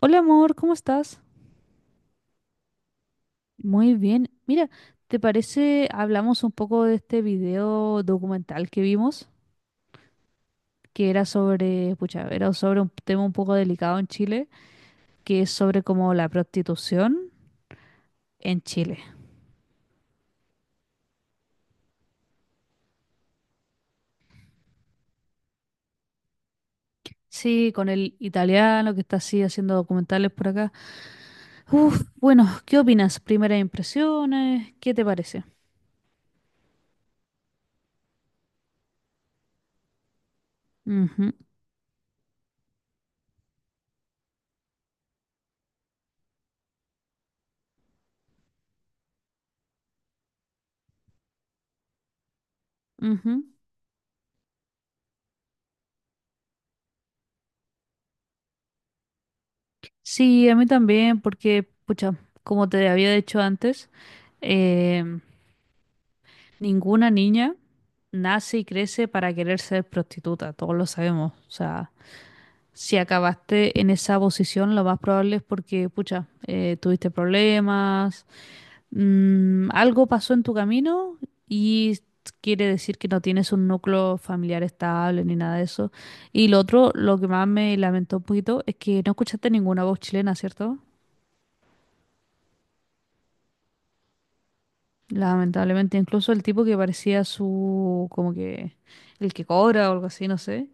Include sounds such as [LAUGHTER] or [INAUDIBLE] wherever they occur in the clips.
Hola amor, ¿cómo estás? Muy bien. Mira, ¿te parece hablamos un poco de este video documental que vimos, que era sobre, pucha, era sobre un tema un poco delicado en Chile, que es sobre como la prostitución en Chile. Sí, con el italiano que está así haciendo documentales por acá. Uf, bueno, ¿qué opinas? Primeras impresiones, ¿qué te parece? Ujú, ujú. Sí, a mí también, porque, pucha, como te había dicho antes, em, ninguna niña nace y crece para querer ser prostituta, todos lo sabemos. O sea, si acabaste en esa posición, lo más probable es porque, pucha, tuviste problemas, algo pasó en tu camino y quiere decir que no tienes un núcleo familiar estable ni nada de eso. Y lo otro, lo que más me lamentó un poquito es que no escuchaste ninguna voz chilena, ¿cierto? Lamentablemente, incluso el tipo que parecía su, como que, el que cobra o algo así, no sé.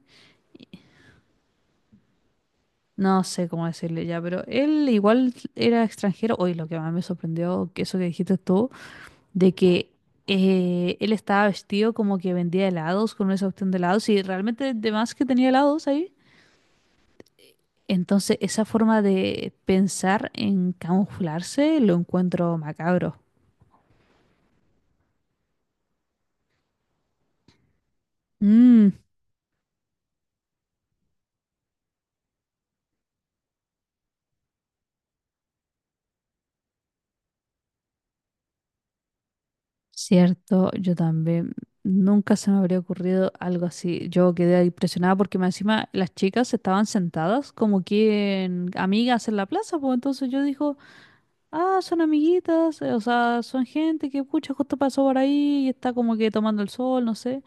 No sé cómo decirle ya, pero él igual era extranjero. Hoy lo que más me sorprendió, que eso que dijiste tú, de que él estaba vestido como que vendía helados con esa opción de helados y realmente de más que tenía helados ahí. Entonces, esa forma de pensar en camuflarse lo encuentro macabro. Mm. Cierto, yo también. Nunca se me habría ocurrido algo así. Yo quedé impresionada porque más encima las chicas estaban sentadas como quien amigas en la plaza, pues entonces yo digo, ah, son amiguitas, o sea, son gente que pucha justo pasó por ahí y está como que tomando el sol, no sé.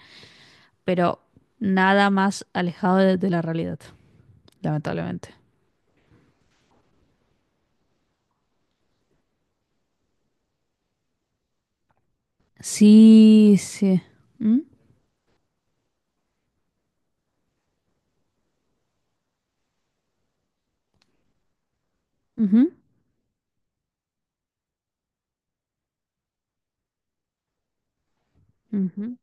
Pero nada más alejado de la realidad, lamentablemente. Sí, sí. ¿Mm? Ujú, ujú.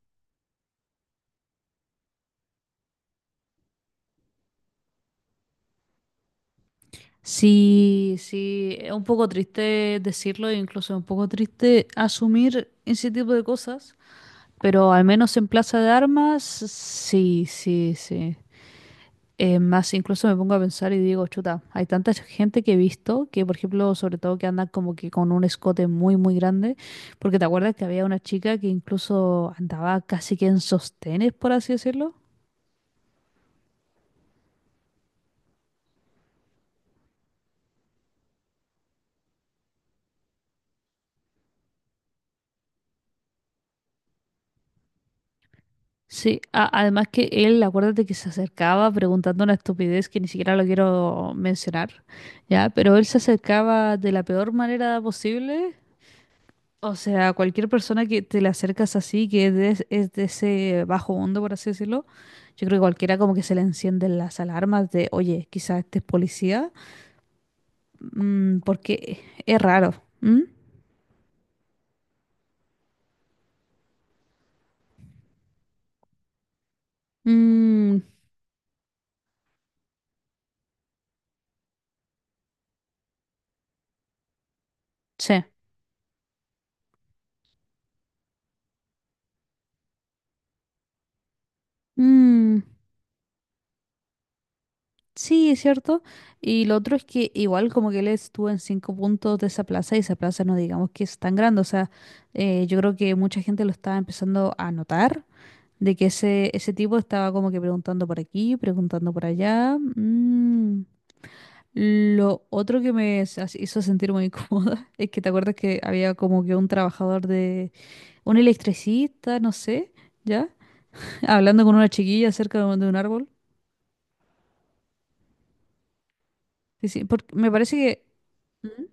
Sí, sí, es un poco triste decirlo, e incluso un poco triste asumir ese tipo de cosas, pero al menos en Plaza de Armas, sí, sí, sí. Más incluso me pongo a pensar y digo, chuta, hay tanta gente que he visto que, por ejemplo, sobre todo que andan como que con un escote muy, muy grande, porque te acuerdas que había una chica que incluso andaba casi que en sostenes, por así decirlo. Sí, a- además que él, acuérdate que se acercaba preguntando una estupidez que ni siquiera lo quiero mencionar, ¿ya? Pero él se acercaba de la peor manera posible. O sea, cualquier persona que te le acercas así, que es de ese bajo mundo, por así decirlo, yo creo que cualquiera como que se le encienden las alarmas de, oye, quizás este es policía, mm, porque es raro. ¿Mm? Mm, sí. Mm, sí, es cierto. Y lo otro es que igual como que él estuvo en cinco puntos de esa plaza y esa plaza no digamos que es tan grande. O sea, yo creo que mucha gente lo estaba empezando a notar de que ese tipo estaba como que preguntando por aquí, preguntando por allá. Mm. Lo otro que me s- as- hizo sentir muy incómoda [LAUGHS] es que te acuerdas que había como que un trabajador de un electricista, no sé, ¿ya? [LAUGHS] Hablando con una chiquilla cerca de un árbol. Sí, sí, porque me parece que... ¿Mm?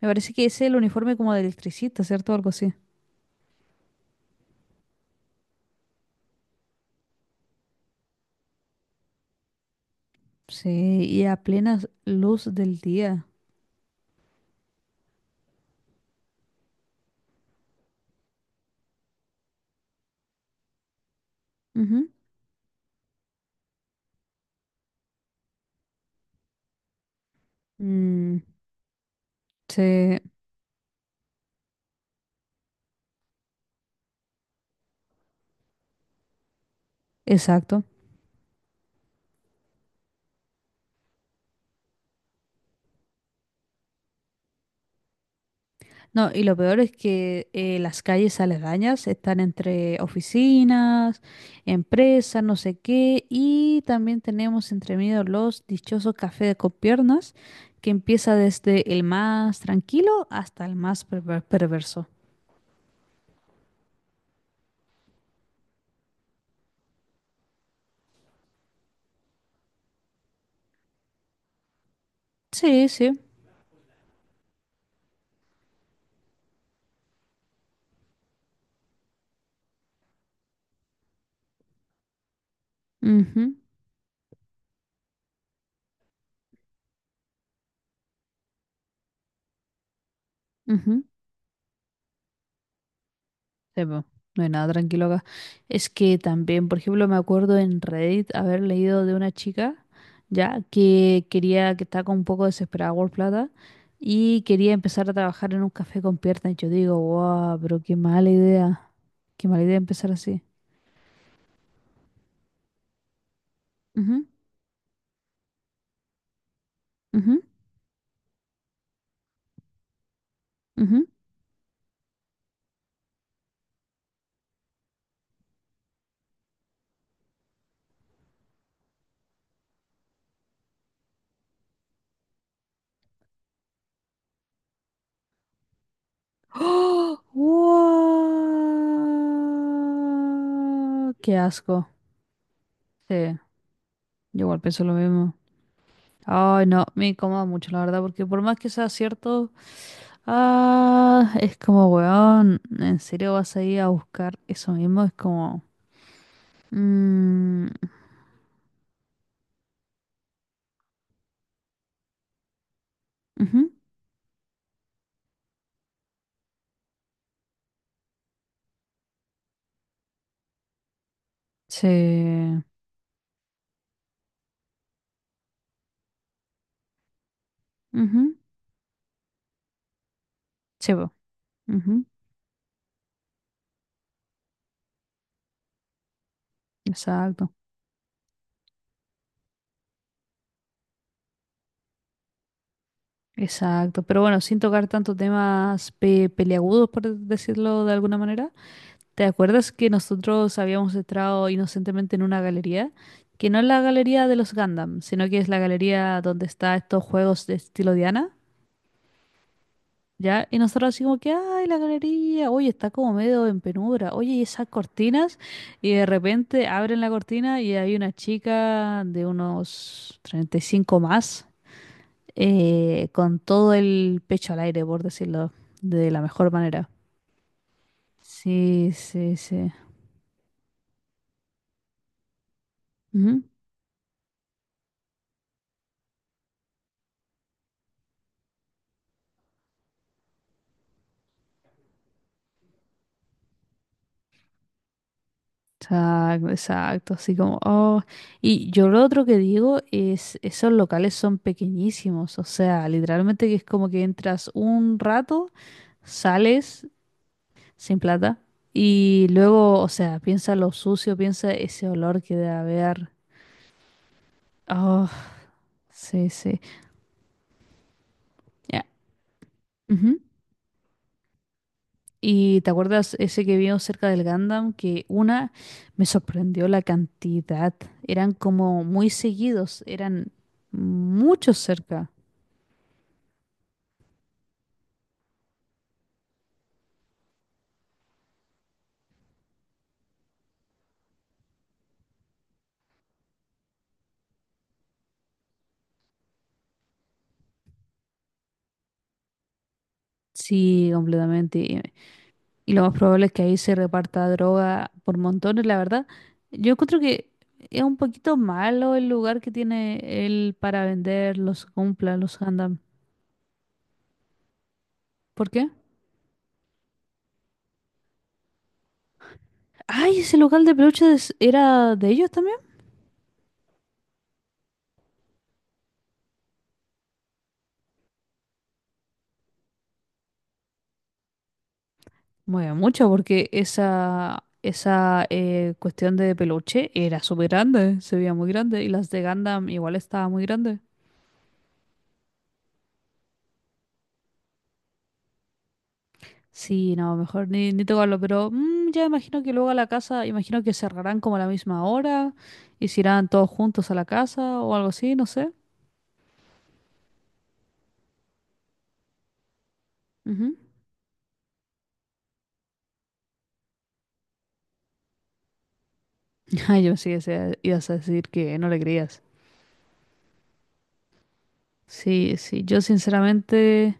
Me parece que ese es el uniforme como de electricista, ¿cierto? Algo así. Sí, y a plena luz del día. Ujú. Mm, sí, exacto. No, y lo peor es que las calles aledañas están entre oficinas, empresas, no sé qué, y también tenemos entre medio los dichosos cafés de copiernas, que empieza desde el más tranquilo hasta el más perverso. Sí, sí. Ujú, ujú. Sí, po, no hay nada tranquilo acá. Es que también, por ejemplo, me acuerdo en Reddit haber leído de una chica, ya, que quería, que estaba con un poco desesperada por plata y quería empezar a trabajar en un café con piernas. Y yo digo, wow, pero qué mala idea. Qué mala idea empezar así. Ujú, ujú, ujú. ¡Oh! ¡Guau! ¡Qué asco! Sí, yo igual pienso lo mismo. Ay, no, me incomoda mucho, la verdad, porque por más que sea cierto, ah, es como, weón, ¿en serio vas a ir a buscar eso mismo? Es como, mm, ujú, sí, ujú, sí, po, ujú, exacto, exacto. Pero bueno, sin tocar tantos temas peliagudos, por decirlo de alguna manera. ¿Te acuerdas que nosotros habíamos entrado inocentemente en una galería? Que no es la galería de los Gundam, sino que es la galería donde está estos juegos de estilo Diana, ¿ya? Y nosotros así como que, ay, la galería, oye, está como medio en penumbra, oye, y esas cortinas, y de repente abren la cortina y hay una chica de unos 35 más, con todo el pecho al aire, por decirlo de la mejor manera. Sí, sí, sí. Exacto, exacto, así como, oh. Y yo lo otro que digo es, esos locales son pequeñísimos, o sea, literalmente que es como que entras un rato, sales sin plata y luego, o sea, piensa lo sucio, piensa ese olor que debe haber. Oh, sí, sí. Ya, ujú. Y te acuerdas ese que vimos cerca del Gundam, que una me sorprendió la cantidad, eran como muy seguidos, eran muchos cerca. Sí, completamente. Y lo más probable es que ahí se reparta droga por montones, la verdad. Yo encuentro que es un poquito malo el lugar que tiene él para vender los cumpla, los Gundam. ¿Por qué? Ay, ese local de peluches era de ellos también. Bueno, mucho, porque esa cuestión de peluche era súper grande, se veía muy grande. Y las de Gundam igual estaba muy grande. Sí, no, mejor ni tocarlo, pero mm, ya imagino que luego a la casa, imagino que cerrarán como a la misma hora y se irán todos juntos a la casa o algo así, no sé. Ujú. [LAUGHS] Ay, yo sí, ese- ibas a decir que no le creías. Sí, sí, yo sinceramente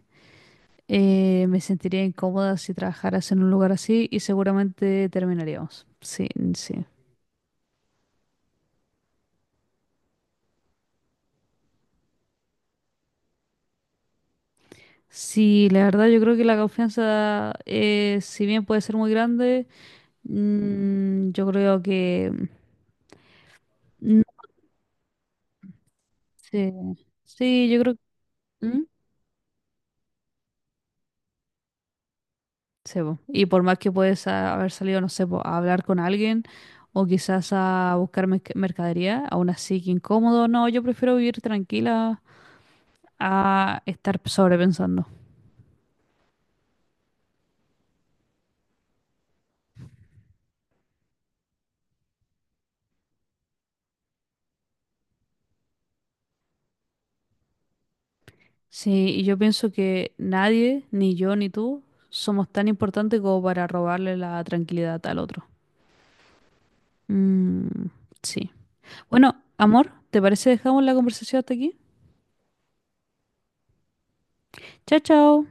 me sentiría incómoda si trabajaras en un lugar así y seguramente terminaríamos. Sí, sí. Sí, la verdad yo creo que la confianza, si bien puede ser muy grande, mm, yo creo que... Sí, sí, yo creo que... ¿Mm? Sí, po. Y por más que puedes haber salido, no sé, po, a hablar con alguien o quizás a buscar mercadería, aún así que incómodo, no, yo prefiero vivir tranquila a estar sobrepensando. Sí, y yo pienso que nadie, ni yo ni tú, somos tan importantes como para robarle la tranquilidad al otro. Mm, sí. Bueno, amor, ¿te parece dejamos la conversación hasta aquí? Chao, chao.